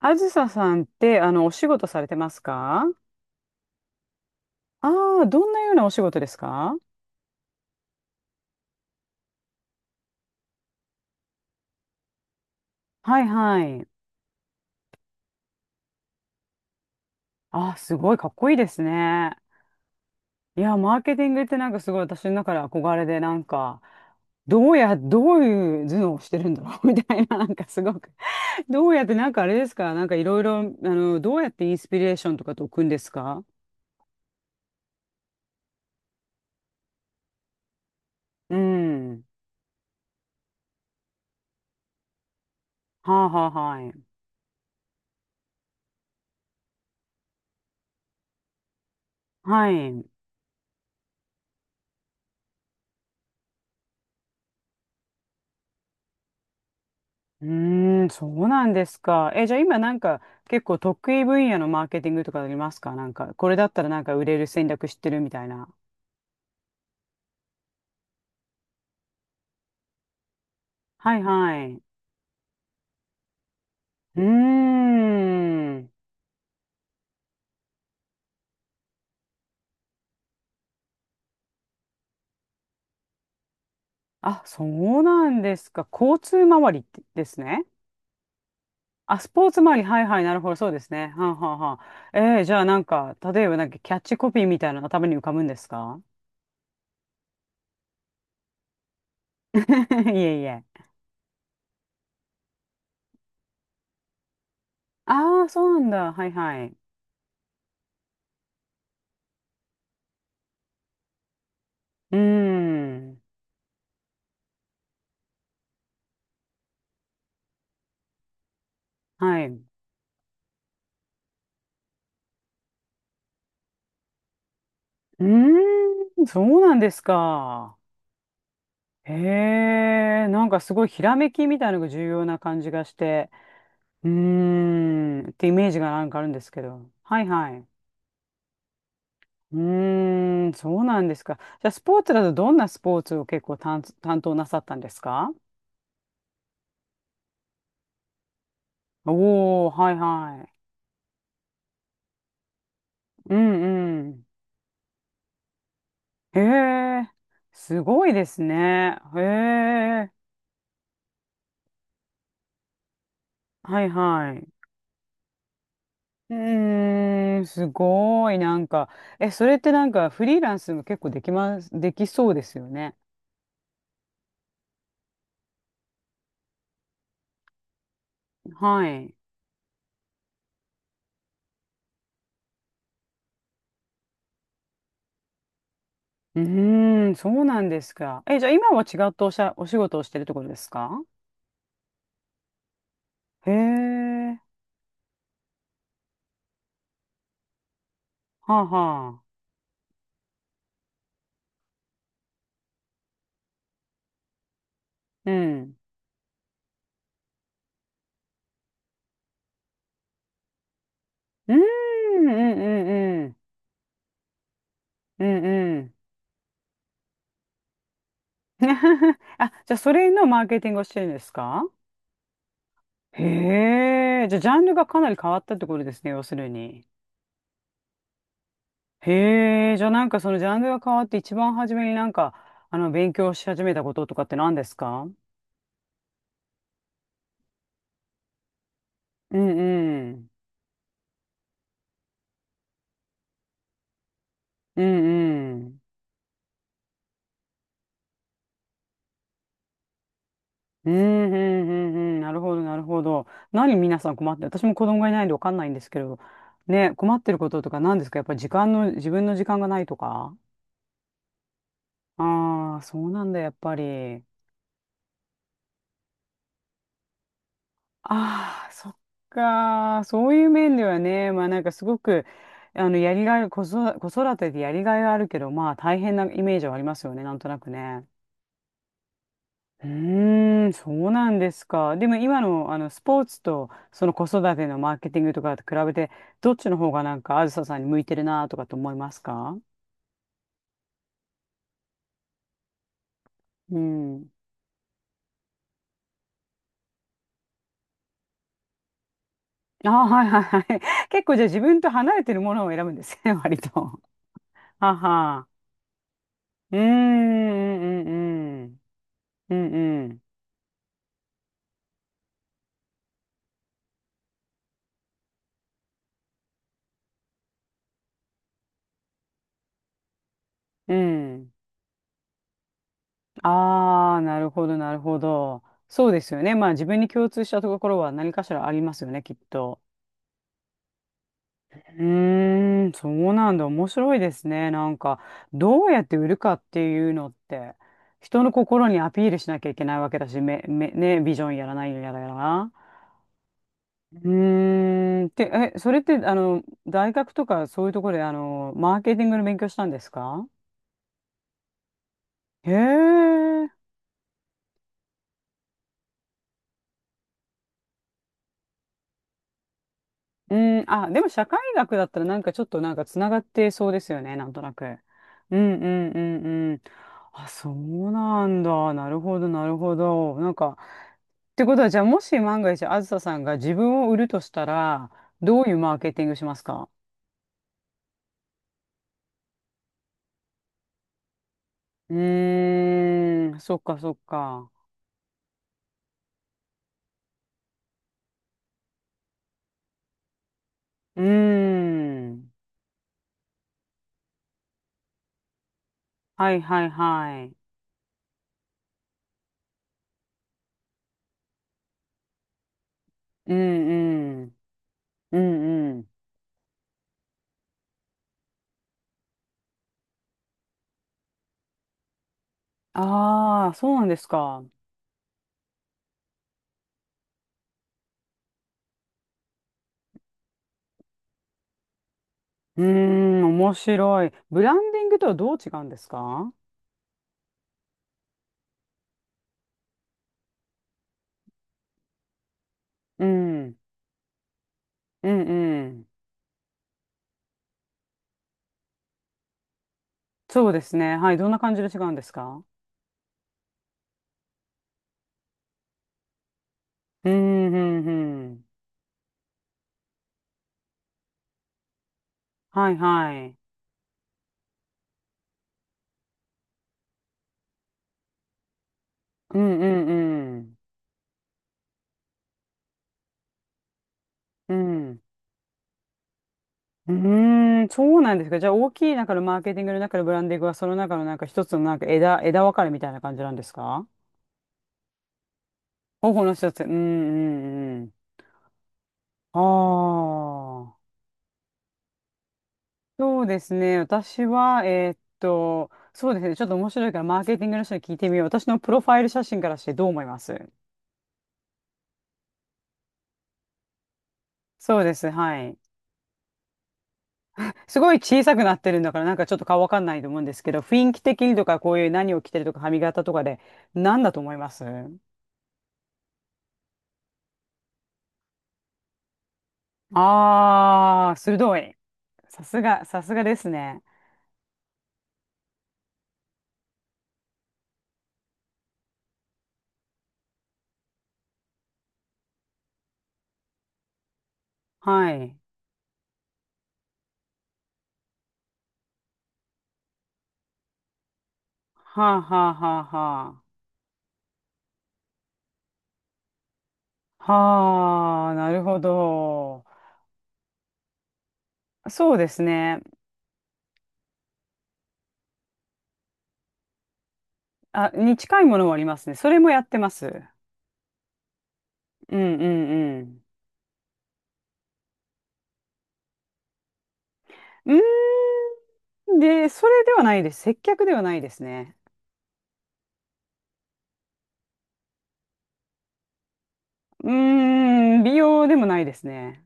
あずささんって、お仕事されてますか？ああー、どんなようなお仕事ですか？はいはい。ああ、すごいかっこいいですね。いや、マーケティングってなんかすごい私の中で憧れで、なんか、どういう頭脳をしてるんだろう みたいな、なんかすごく どうやって、なんかあれですかなんかいろいろ、どうやってインスピレーションとかと置くんですか？うん。はあはあはい。はい。うーん、そうなんですか。え、じゃあ今なんか結構得意分野のマーケティングとかありますか？なんか、これだったらなんか売れる戦略知ってるみたいな。はいはい。うーん。あ、そうなんですか。交通周りってですね。あ、スポーツ周り。はいはい。なるほど。そうですね。はんはんはん。えーじゃあなんか、例えばなんかキャッチコピーみたいなの頭に浮かぶんですか？ いえいえ。ああ、そうなんだ。はいはい。うーん。はい。うーん、そうなんですか。へえ、なんかすごいひらめきみたいなのが重要な感じがして、うーん、ってイメージがなんかあるんですけど。はいはい。うーん、そうなんですか。じゃあスポーツだとどんなスポーツを結構担当なさったんですか？おー、はいはい。うんうん。へえ、すごいですね。へえ、はいはい。うーん、すごい、なんか、え、それってなんかフリーランスも結構できます、できそうですよね。はい。うーん、そうなんですか。え、じゃあ今は違ったおしゃ、お仕事をしてるってことですか？へえ、はあはあ。うん。うーん、うん、うん、うん、うんうん。あ、じゃあそれのマーケティングをしてるんですか？へえ、じゃあジャンルがかなり変わったってことですね、要するに。へえ、じゃあなんかそのジャンルが変わって一番初めになんか、勉強し始めたこととかって何ですか？うんうん。うんうん。うんうんうんうん。なるほど、なるほど。何皆さん困って、私も子供がいないんでわかんないんですけど、ね、困ってることとか何ですか？やっぱり時間の、自分の時間がないとか。ああー、そうなんだ、やっぱり。ああ、そっか。そういう面ではね、まあなんかすごく、やりがい、子育てでやりがいはあるけど、まあ大変なイメージはありますよね、なんとなくね。うーん、そうなんですか。でも今の、スポーツと、その子育てのマーケティングとかと比べて、どっちの方がなんか、あずささんに向いてるなとかと思いますか？うん。ああ、はいはいはい。結構じゃあ自分と離れてるものを選ぶんですね、割と。はは。うーん、うん、うん、うん。うんうんうん。ああ、なるほど、なるほど。そうですよね。まあ自分に共通したところは何かしらありますよね、きっと。うーん、そうなんだ。面白いですね。なんか、どうやって売るかっていうのって、人の心にアピールしなきゃいけないわけだし、ね、ビジョンやらないやらやら。うーん、て、え、それって、大学とかそういうところで、マーケティングの勉強したんですか？へえ。うん、あ、でも社会学だったらなんかちょっとなんかつながってそうですよね、なんとなく。うんうんうんうん。あ、そうなんだ。なるほど、なるほど。なんか、ってことは、じゃあもし万が一、あずささんが自分を売るとしたら、どういうマーケティングしますか？うーん、そっかそっか。うーん。はいはいはい。うんうん。うんうん。ああ、そうなんですか。うーん、面白い。ブランディングとはどう違うんですか？うん、うん、うん。そうですね。はい。どんな感じで違うんですか？うん、うん、うん。はい、はい。うん、うん、うん。うん。うーん、そうなんですか。じゃあ、大きい中のマーケティングの中のブランディングは、その中のなんか一つのなんか枝分かれみたいな感じなんですか？方法の一つ。うん、うん、うん。ああ。そうですね。私は、そうですね。ちょっと面白いから、マーケティングの人に聞いてみよう。私のプロファイル写真からしてどう思います？そうです。はい。すごい小さくなってるんだから、なんかちょっと顔わかんないと思うんですけど、雰囲気的にとか、こういう何を着てるとか、髪型とかで、何だと思います？あー、鋭い。さすが、さすがですね。はい。はあ、はあ、はあ、はあ。はあ、なるほど。そうですね。あ、に近いものもありますね。それもやってます。うんうんうん。うーん。で、それではないです。接客ではないですね。うーん、美容でもないですね。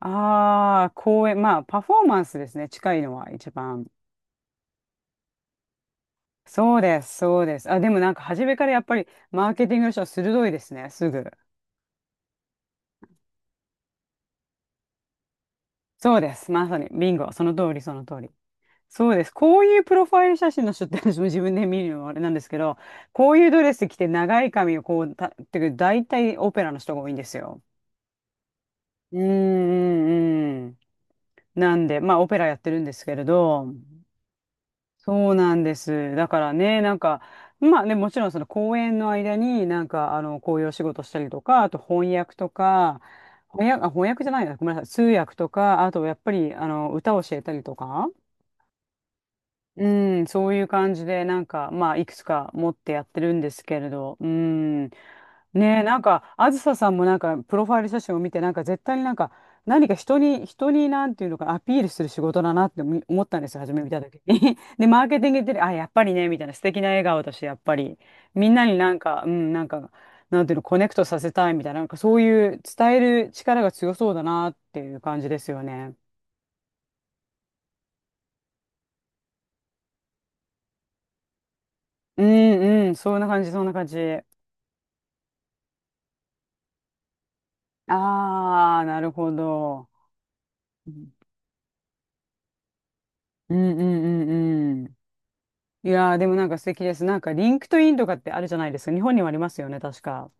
ああ、公演、まあ、パフォーマンスですね。近いのは一番。そうです、そうです。あ、でもなんか初めからやっぱりマーケティングの人は鋭いですね、すぐ。そうです、まさに。ビンゴ、その通り、その通り。そうです。こういうプロファイル写真の人って私も自分で見るのもあれなんですけど、こういうドレス着て長い髪をこうた、っていうか大体オペラの人が多いんですよ。うんうんうん。なんで、まあ、オペラやってるんですけれど、そうなんです。だからね、なんか、まあね、もちろんその公演の間に、なんか、こういうお仕事したりとか、あと翻訳とか、翻訳、あ、翻訳じゃないな、ごめんなさい、通訳とか、あとやっぱり、歌を教えたりとか。うん、そういう感じで、なんか、まあ、いくつか持ってやってるんですけれど、うん。ねえ、なんか、あずささんもなんか、プロファイル写真を見て、なんか、絶対になんか、何か人に、人に、なんていうのかな、アピールする仕事だなって思ったんですよ、初め見た時に。で、マーケティングってね、あ、やっぱりね、みたいな素敵な笑顔だし、やっぱり、みんなになんか、うん、なんか、なんていうの、コネクトさせたいみたいな、なんか、そういう伝える力が強そうだなっていう感じですよね。うん、うん、そんな感じ、そんな感じ。ああ、なるほど。うんうんうんうん。いやー、でもなんか素敵です。なんかリンクトインとかってあるじゃないですか。日本にもありますよね、確か。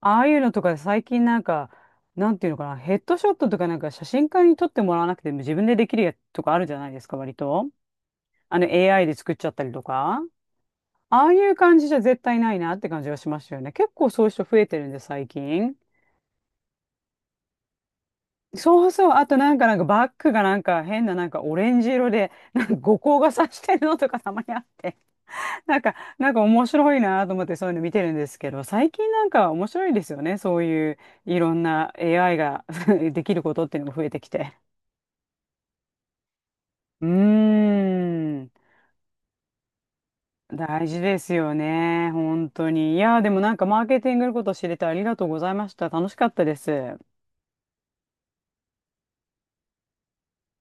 ああいうのとか最近なんか、なんていうのかな、ヘッドショットとかなんか写真家に撮ってもらわなくても自分でできるやつとかあるじゃないですか、割と。あの AI で作っちゃったりとか。ああいう感じじゃ絶対ないなって感じがしましたよね。結構そういう人増えてるんで、最近。そうそう。あとなんか、なんかバッグがなんか変ななんかオレンジ色で、なんか五光がさしてるのとかたまにあって、なんか、なんか面白いなと思ってそういうの見てるんですけど、最近なんか面白いですよね。そういういろんな AI が できることっていうのが増えてきて。うーん。大事ですよね。本当に。いや、でもなんかマーケティングのこと知れてありがとうございました。楽しかったです。